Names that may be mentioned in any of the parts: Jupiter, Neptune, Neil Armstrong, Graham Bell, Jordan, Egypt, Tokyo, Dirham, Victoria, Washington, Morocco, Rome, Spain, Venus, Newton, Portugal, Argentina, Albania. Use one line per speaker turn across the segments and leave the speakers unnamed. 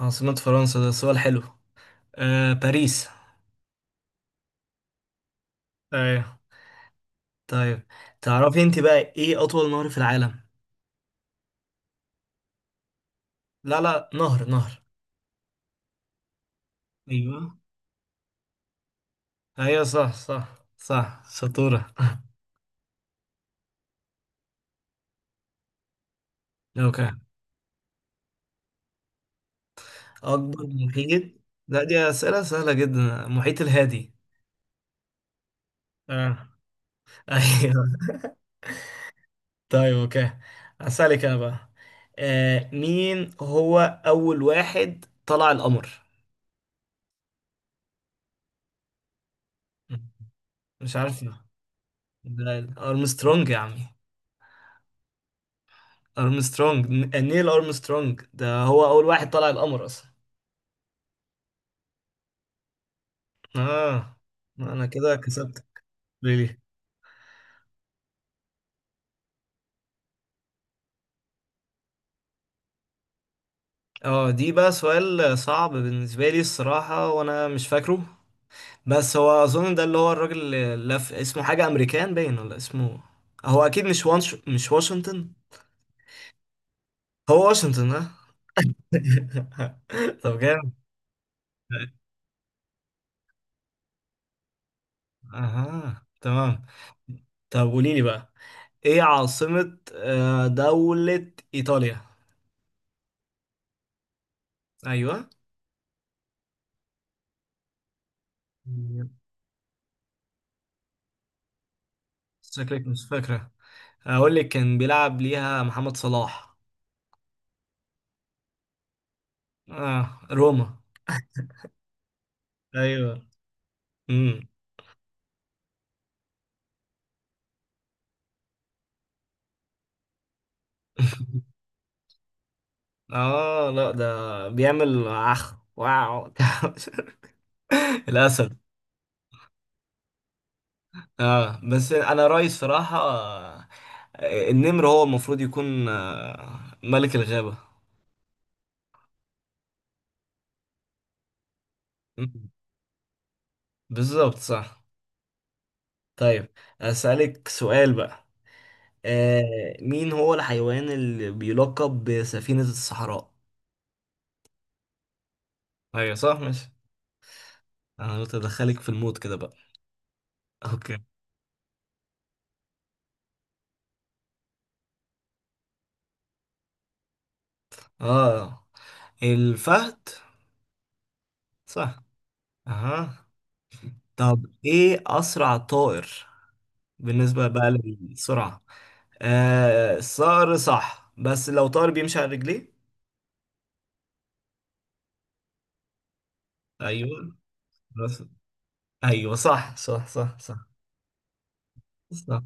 عاصمة فرنسا ده سؤال حلو. باريس. ايوه، طيب. تعرفي انت بقى ايه اطول نهر في العالم؟ لا، لا، نهر نهر. ايوه، ايوه، صح صح صح، شطورة. اوكي، اكبر محيط. لا، دي اسئلة سهلة جدا، محيط الهادي. اه، ايوه. طيب، اوكي، اسالك انا بقى. مين هو اول واحد طلع القمر؟ مش عارف ده. ارمسترونج يا عمي، ارمسترونج نيل ارمسترونج، ده هو اول واحد طلع القمر اصلا. اه، انا كده كسبت. ليه؟ اه، دي بقى سؤال صعب بالنسبه لي الصراحه، وانا مش فاكره. بس هو اظن ده اللي هو الراجل اللي لف اسمه حاجه، امريكان باين ولا اسمه. هو اكيد مش مش واشنطن. هو واشنطن، اه. طب، جامد. اها، تمام. طب قولي لي بقى، ايه عاصمه دوله ايطاليا؟ ايوه. شكلك مش فاكرة. أقول لك كان بيلعب ليها محمد صلاح. روما. أيوه. امم لا، ده بيعمل عخ واو. الأسد. بس أنا رأيي الصراحة، النمر هو المفروض يكون ملك الغابة. مم. بالظبط، صح. طيب، أسألك سؤال بقى. آه مين هو الحيوان اللي بيلقب بسفينة الصحراء؟ ايوه، صح مش. انا قلت ادخلك في المود كده بقى. اوكي. اه، الفهد. صح. اها. طب ايه اسرع طائر بالنسبة بقى للسرعة؟ الصقر صح، بس لو طائر بيمشي على رجليه. ايوه، بس ايوه، صح صح صح صح صح.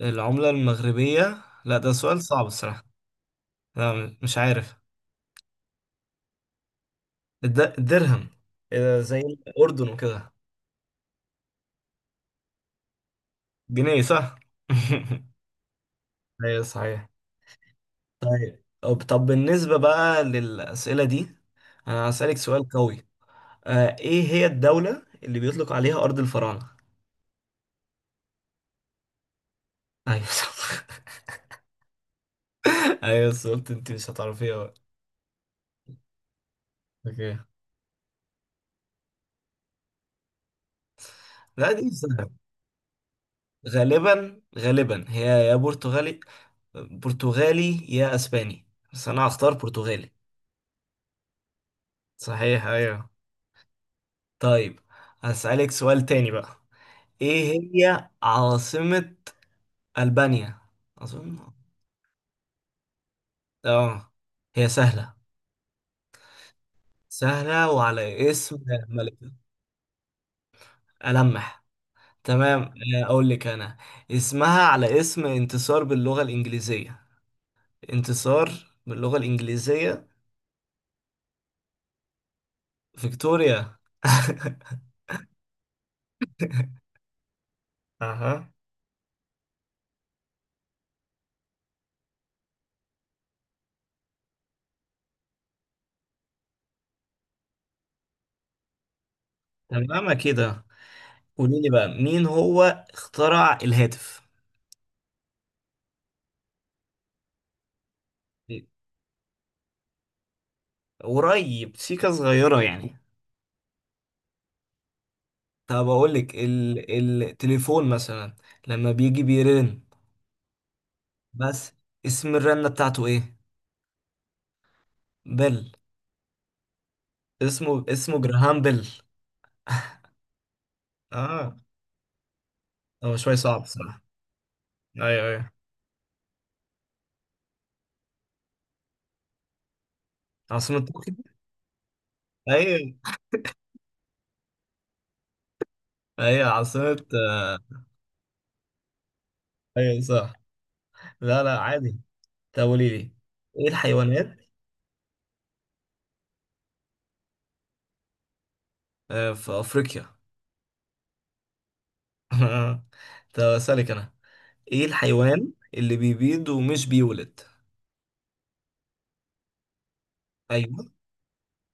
العملة المغربية؟ لا، ده سؤال صعب الصراحة. لا، مش عارف. الدرهم. زي الأردن وكده. جنيه، صح. ايوه، صحيح. طب، طب، بالنسبة بقى للأسئلة دي، أنا هسألك سؤال قوي. إيه هي الدولة اللي بيطلق عليها أرض الفراعنة؟ أيوة، صح. أيوة، بس قلت أنت مش هتعرفيها بقى. اوكي. لا، دي سهلة. غالبا غالبا هي، يا برتغالي، برتغالي يا أسباني، بس أنا هختار برتغالي. صحيح، أيوة. طيب، هسألك سؤال تاني بقى. إيه هي عاصمة ألبانيا؟ أظن آه هي سهلة. سهلة وعلى اسم ملكة. ألمح. تمام، أقول لك أنا، اسمها على اسم انتصار باللغة الإنجليزية، انتصار باللغة الإنجليزية، فيكتوريا. أها، تمام كده. قولي لي بقى، مين هو اخترع الهاتف؟ قريب، سيكة صغيرة يعني. طب أقول لك التليفون مثلا، لما بيجي بيرن بس، اسم الرنة بتاعته إيه؟ بيل. اسمه جراهام بيل. اه، هو شوية صعب صراحة. أيوه، أيوه. عاصمة طوكيو. أيوه، أيوه، عاصمة، أيوه صح. لا، لا، عادي. طب قولي لي، إيه الحيوانات؟ في أفريقيا. طب أسألك أنا، إيه الحيوان اللي بيبيض ومش بيولد؟ أيوه،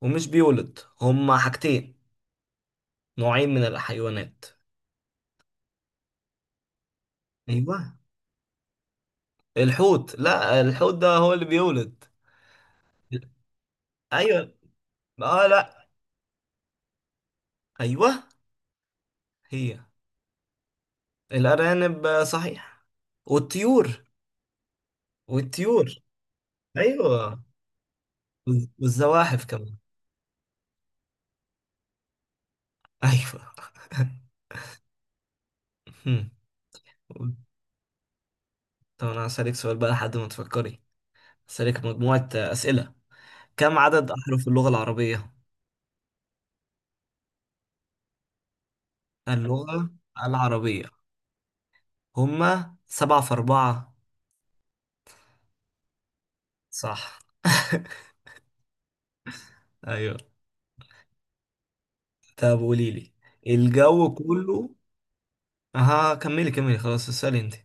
ومش بيولد، هما حاجتين، نوعين من الحيوانات. أيوه. الحوت؟ لا، الحوت ده هو اللي بيولد. أيوه، لا. أيوه. هي الأرانب، صحيح. والطيور. والطيور. ايوه والزواحف كمان. ايوه. هم. طب انا هسألك سؤال بقى لحد ما تفكري. هسألك مجموعة أسئلة. كم عدد أحرف اللغة العربية؟ اللغة العربية. هما سبعة في أربعة. صح. أيوة. طب قولي لي، الجو كله. أها، كملي كملي، خلاص، اسألي أنت.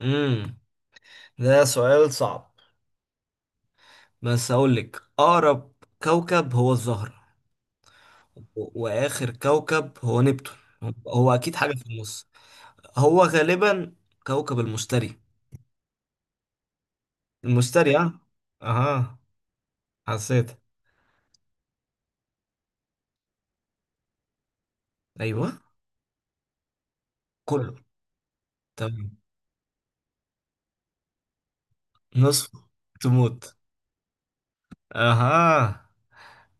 امم ده سؤال صعب. بس أقول لك، أقرب كوكب هو الزهرة، واخر كوكب هو نبتون. هو اكيد حاجه في النص. هو غالبا كوكب المشتري. المشتري، اه. اها. حسيت. ايوه، كله. تمام. نصفه. تموت. اها.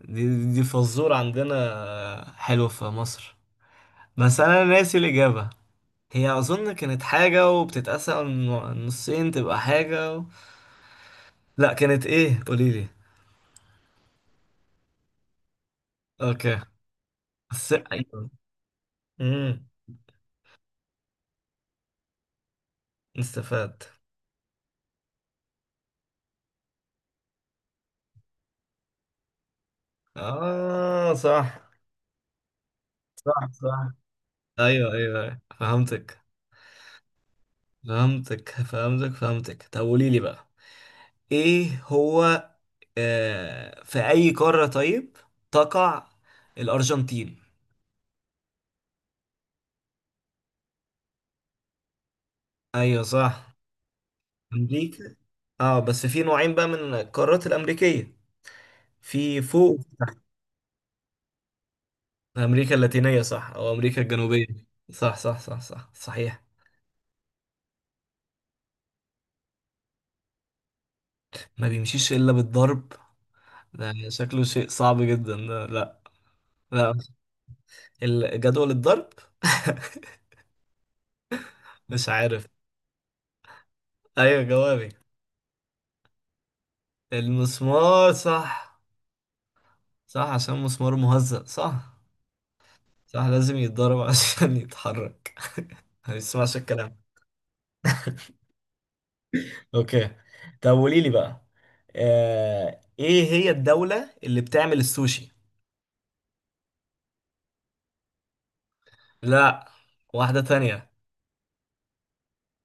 دي فزور عندنا حلوه في مصر، بس انا ناسي الاجابه. هي اظن كانت حاجه وبتتقسم نصين، تبقى حاجه لا، كانت ايه؟ قوليلي. اوكي. بس، ايوه. امم استفاد. اه، صح صح صح. ايوه، ايوه، أيوة. فهمتك فهمتك فهمتك فهمتك. طب قولي لي بقى، ايه هو في اي قارة طيب تقع الارجنتين؟ ايوه صح، امريكا. اه، بس في نوعين بقى من القارات الامريكيه. في فوق. امريكا اللاتينيه صح، او امريكا الجنوبيه. صح صح صح صح، صحيح. ما بيمشيش الا بالضرب؟ ده شكله شيء صعب جدا ده، لا. لا، جدول الضرب. مش عارف. ايوه، جوابي. المسمار؟ صح. صح، عشان مسمار مهزأ، صح. صح، لازم يتضرب عشان يتحرك. ما بيسمعش الكلام. اوكي. طب قولي لي بقى، ايه هي الدولة اللي بتعمل السوشي؟ لا، واحدة تانية.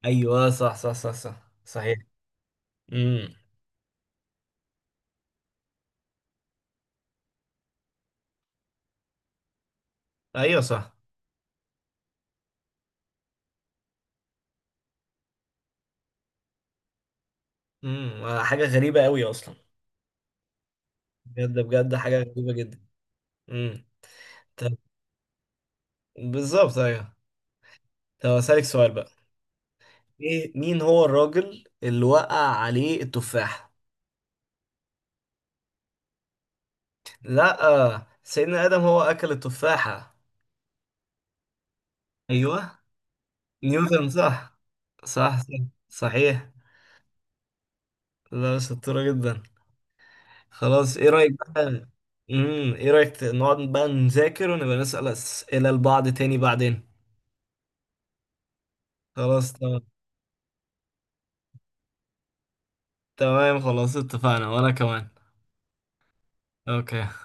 ايوه صح صح صح صح، صحيح. امم ايوه صح. حاجة غريبة قوي اصلا. بجد بجد، حاجة غريبة جدا. امم طب، بالظبط، ايوه. طب اسالك سؤال بقى. مين هو الراجل اللي وقع عليه التفاحة؟ لا، سيدنا آدم هو أكل التفاحة. أيوه، نيوتن، صح صح صح، صحيح. لا، شطورة جدا. خلاص، إيه رأيك بقى؟ إيه رأيك نقعد بقى نذاكر ونبقى نسأل أسئلة لبعض تاني بعدين؟ خلاص، تمام. تمام، خلاص، اتفقنا، وأنا كمان. أوكي.